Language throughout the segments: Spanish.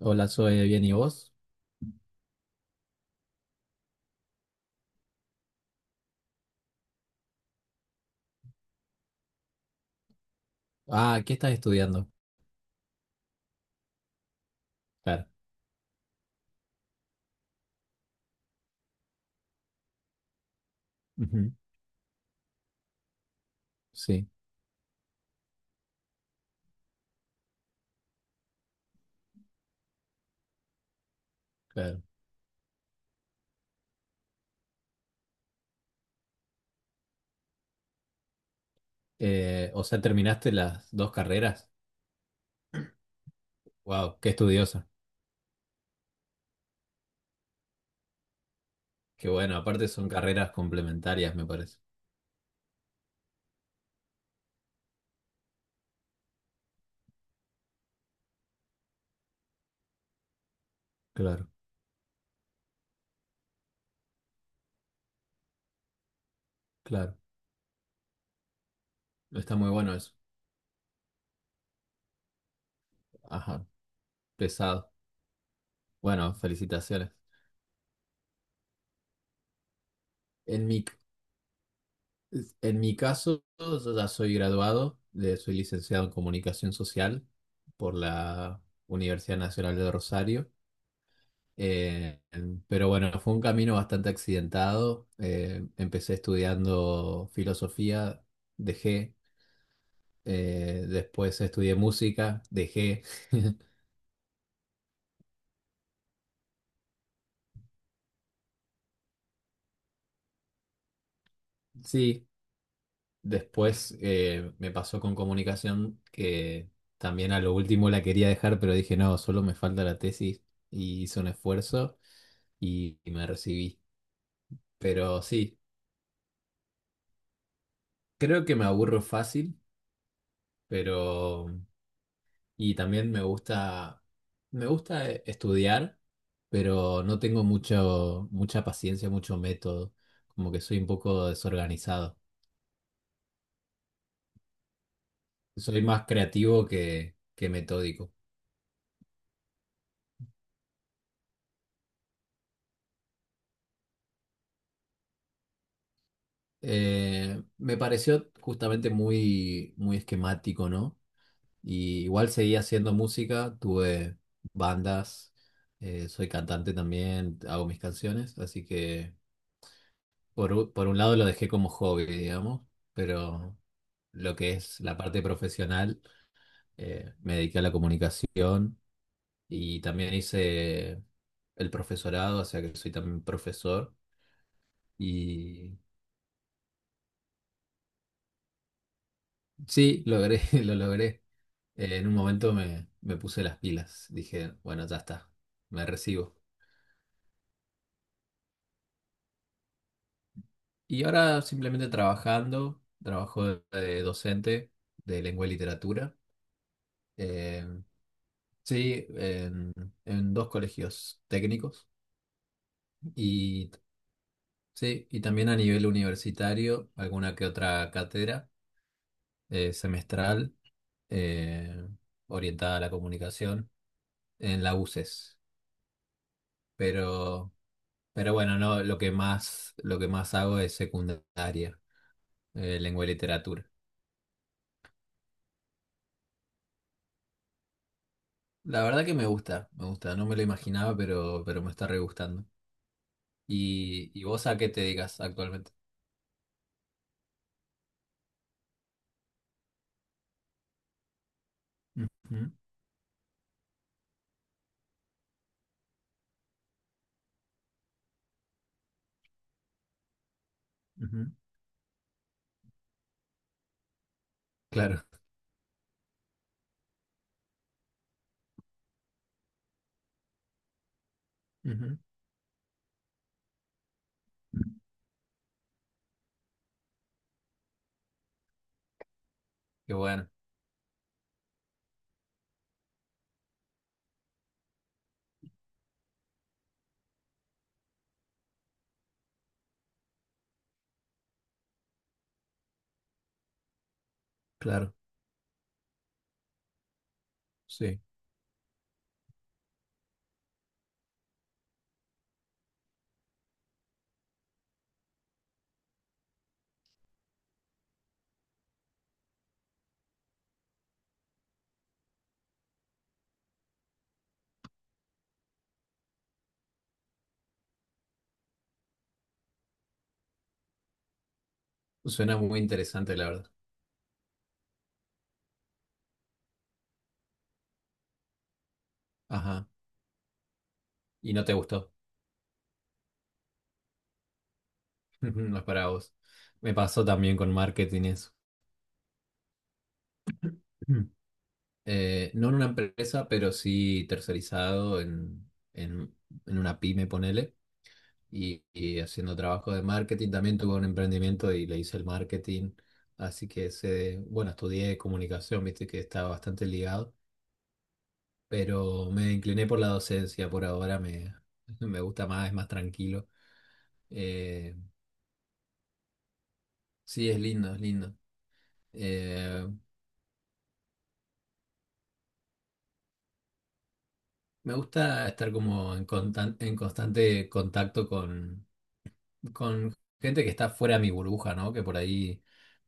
Hola, soy bien, ¿y vos? Ah, ¿qué estás estudiando? Claro. Ujú, sí, claro. O sea, terminaste las dos carreras. Wow, qué estudiosa. Qué bueno, aparte son carreras complementarias, me parece. Claro, claro. Está muy bueno eso. Ajá, pesado. Bueno, felicitaciones. En mi, en mi caso, yo ya soy graduado, soy licenciado en comunicación social por la Universidad Nacional de Rosario. Eh, pero bueno, fue un camino bastante accidentado. Empecé estudiando filosofía, dejé. Después estudié música, dejé. Sí, después me pasó con comunicación que también a lo último la quería dejar, pero dije, no, solo me falta la tesis y hice un esfuerzo y me recibí. Pero sí, creo que me aburro fácil, pero y también me gusta estudiar, pero no tengo mucha paciencia, mucho método. Como que soy un poco desorganizado. Soy más creativo que metódico. Me pareció justamente muy esquemático, ¿no? Y igual seguí haciendo música, tuve bandas, soy cantante también, hago mis canciones, así que por, por un lado lo dejé como hobby, digamos, pero lo que es la parte profesional, me dediqué a la comunicación y también hice el profesorado, o sea que soy también profesor. Y sí, logré, lo logré. En un momento me puse las pilas, dije, bueno, ya está, me recibo. Y ahora simplemente trabajando, trabajo de docente de lengua y literatura. eh, Sí, en dos colegios técnicos y sí, y también a nivel universitario, alguna que otra cátedra semestral eh, orientada a la comunicación en la UCES. Pero, pero bueno, no, lo que más hago es secundaria, lengua y literatura. La verdad que me gusta, no me lo imaginaba, pero me está re gustando. ¿Y vos a qué te dedicas actualmente? Ujú, ujú, claro. Ujú. Qué bueno, claro, sí. Suena muy interesante, la verdad. Ajá. Y no te gustó. No es para vos. Me pasó también con marketing eso. Mm. No en una empresa, pero sí tercerizado en una pyme, ponele. Y haciendo trabajo de marketing. También tuve un emprendimiento y le hice el marketing. Así que se bueno, estudié comunicación, viste que estaba bastante ligado. Pero me incliné por la docencia por ahora. Me, me gusta más, es más tranquilo. Eh, Sí, es lindo, es lindo. Eh, Me gusta estar como en, en constante contacto con gente que está fuera de mi burbuja, ¿no? Que por ahí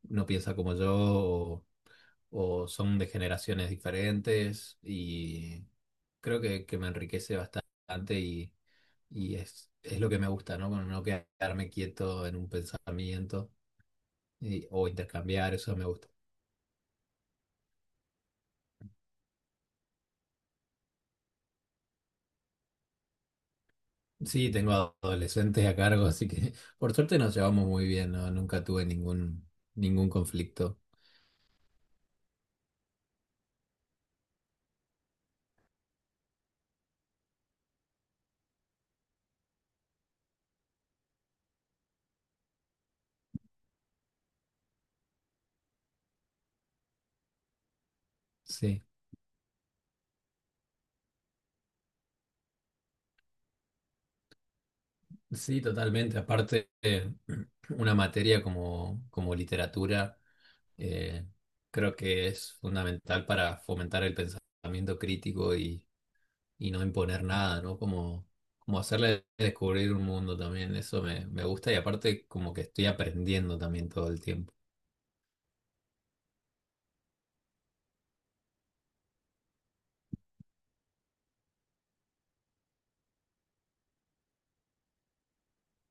no piensa como yo o son de generaciones diferentes y creo que me enriquece bastante y, es lo que me gusta, ¿no? Con no quedarme quieto en un pensamiento o intercambiar, eso me gusta. Sí, tengo adolescentes a cargo, así que por suerte nos llevamos muy bien, ¿no? Nunca tuve ningún conflicto. Sí, sí, totalmente. Aparte, una materia como literatura, eh, creo que es fundamental para fomentar el pensamiento crítico y no imponer nada, ¿no? Como hacerle descubrir un mundo también, me gusta y aparte como que estoy aprendiendo también todo el tiempo.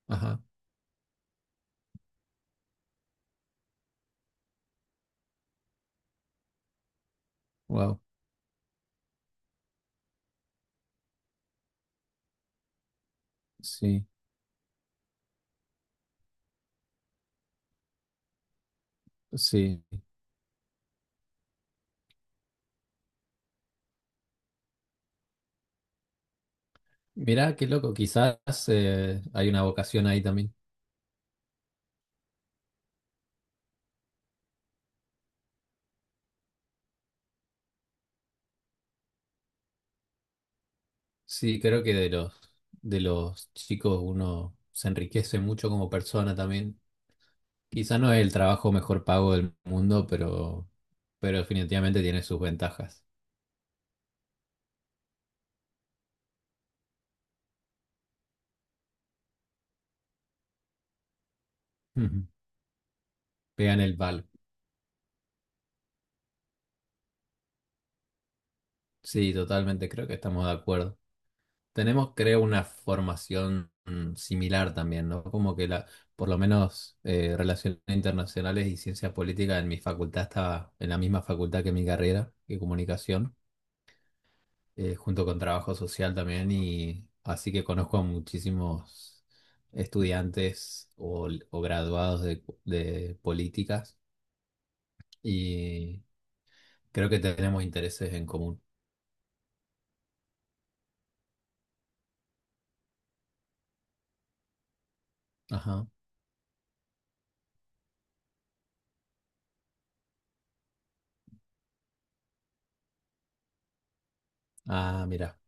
Ajá, wow. Sí, sí. Mirá, qué loco, quizás hay una vocación ahí también. Sí, creo que de los chicos uno se enriquece mucho como persona también. Quizá no es el trabajo mejor pago del mundo, pero definitivamente tiene sus ventajas. Ujú. Pegan el palo. Sí, totalmente, creo que estamos de acuerdo. Tenemos, creo, una formación mm, similar también, ¿no? Como que la, por lo menos relaciones internacionales y ciencia política en mi facultad estaba en la misma facultad que mi carrera, que comunicación, junto con trabajo social también, y así que conozco a muchísimos estudiantes o graduados de políticas y creo que tenemos intereses en común. Ajá. Ah, mira.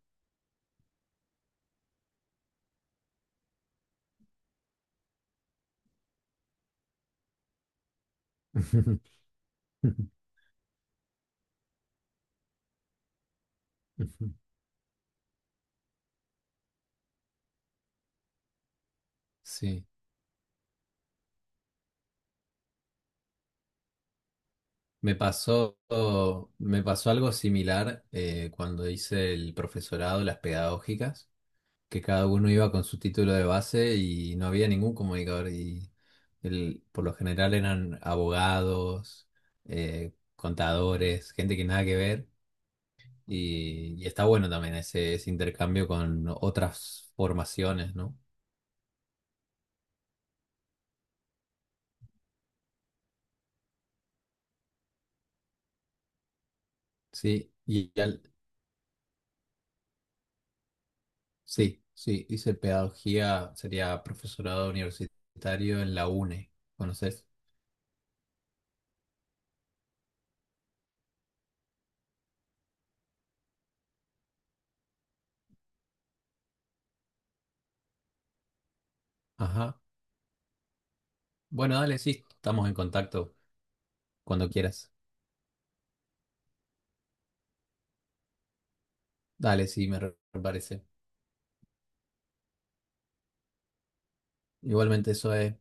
Sí. Me pasó, Me pasó algo similar cuando hice el profesorado, las pedagógicas, que cada uno iba con su título de base y no había ningún comunicador. Y por lo general eran abogados, contadores, gente que nada que ver. Y está bueno también ese intercambio con otras formaciones, ¿no? Sí, sí, sí, hice pedagogía, sería profesorado universitario en la UNE. ¿Conoces? Ajá. Bueno, dale, sí, estamos en contacto cuando quieras. Dale, sí, me parece. Igualmente, eso es.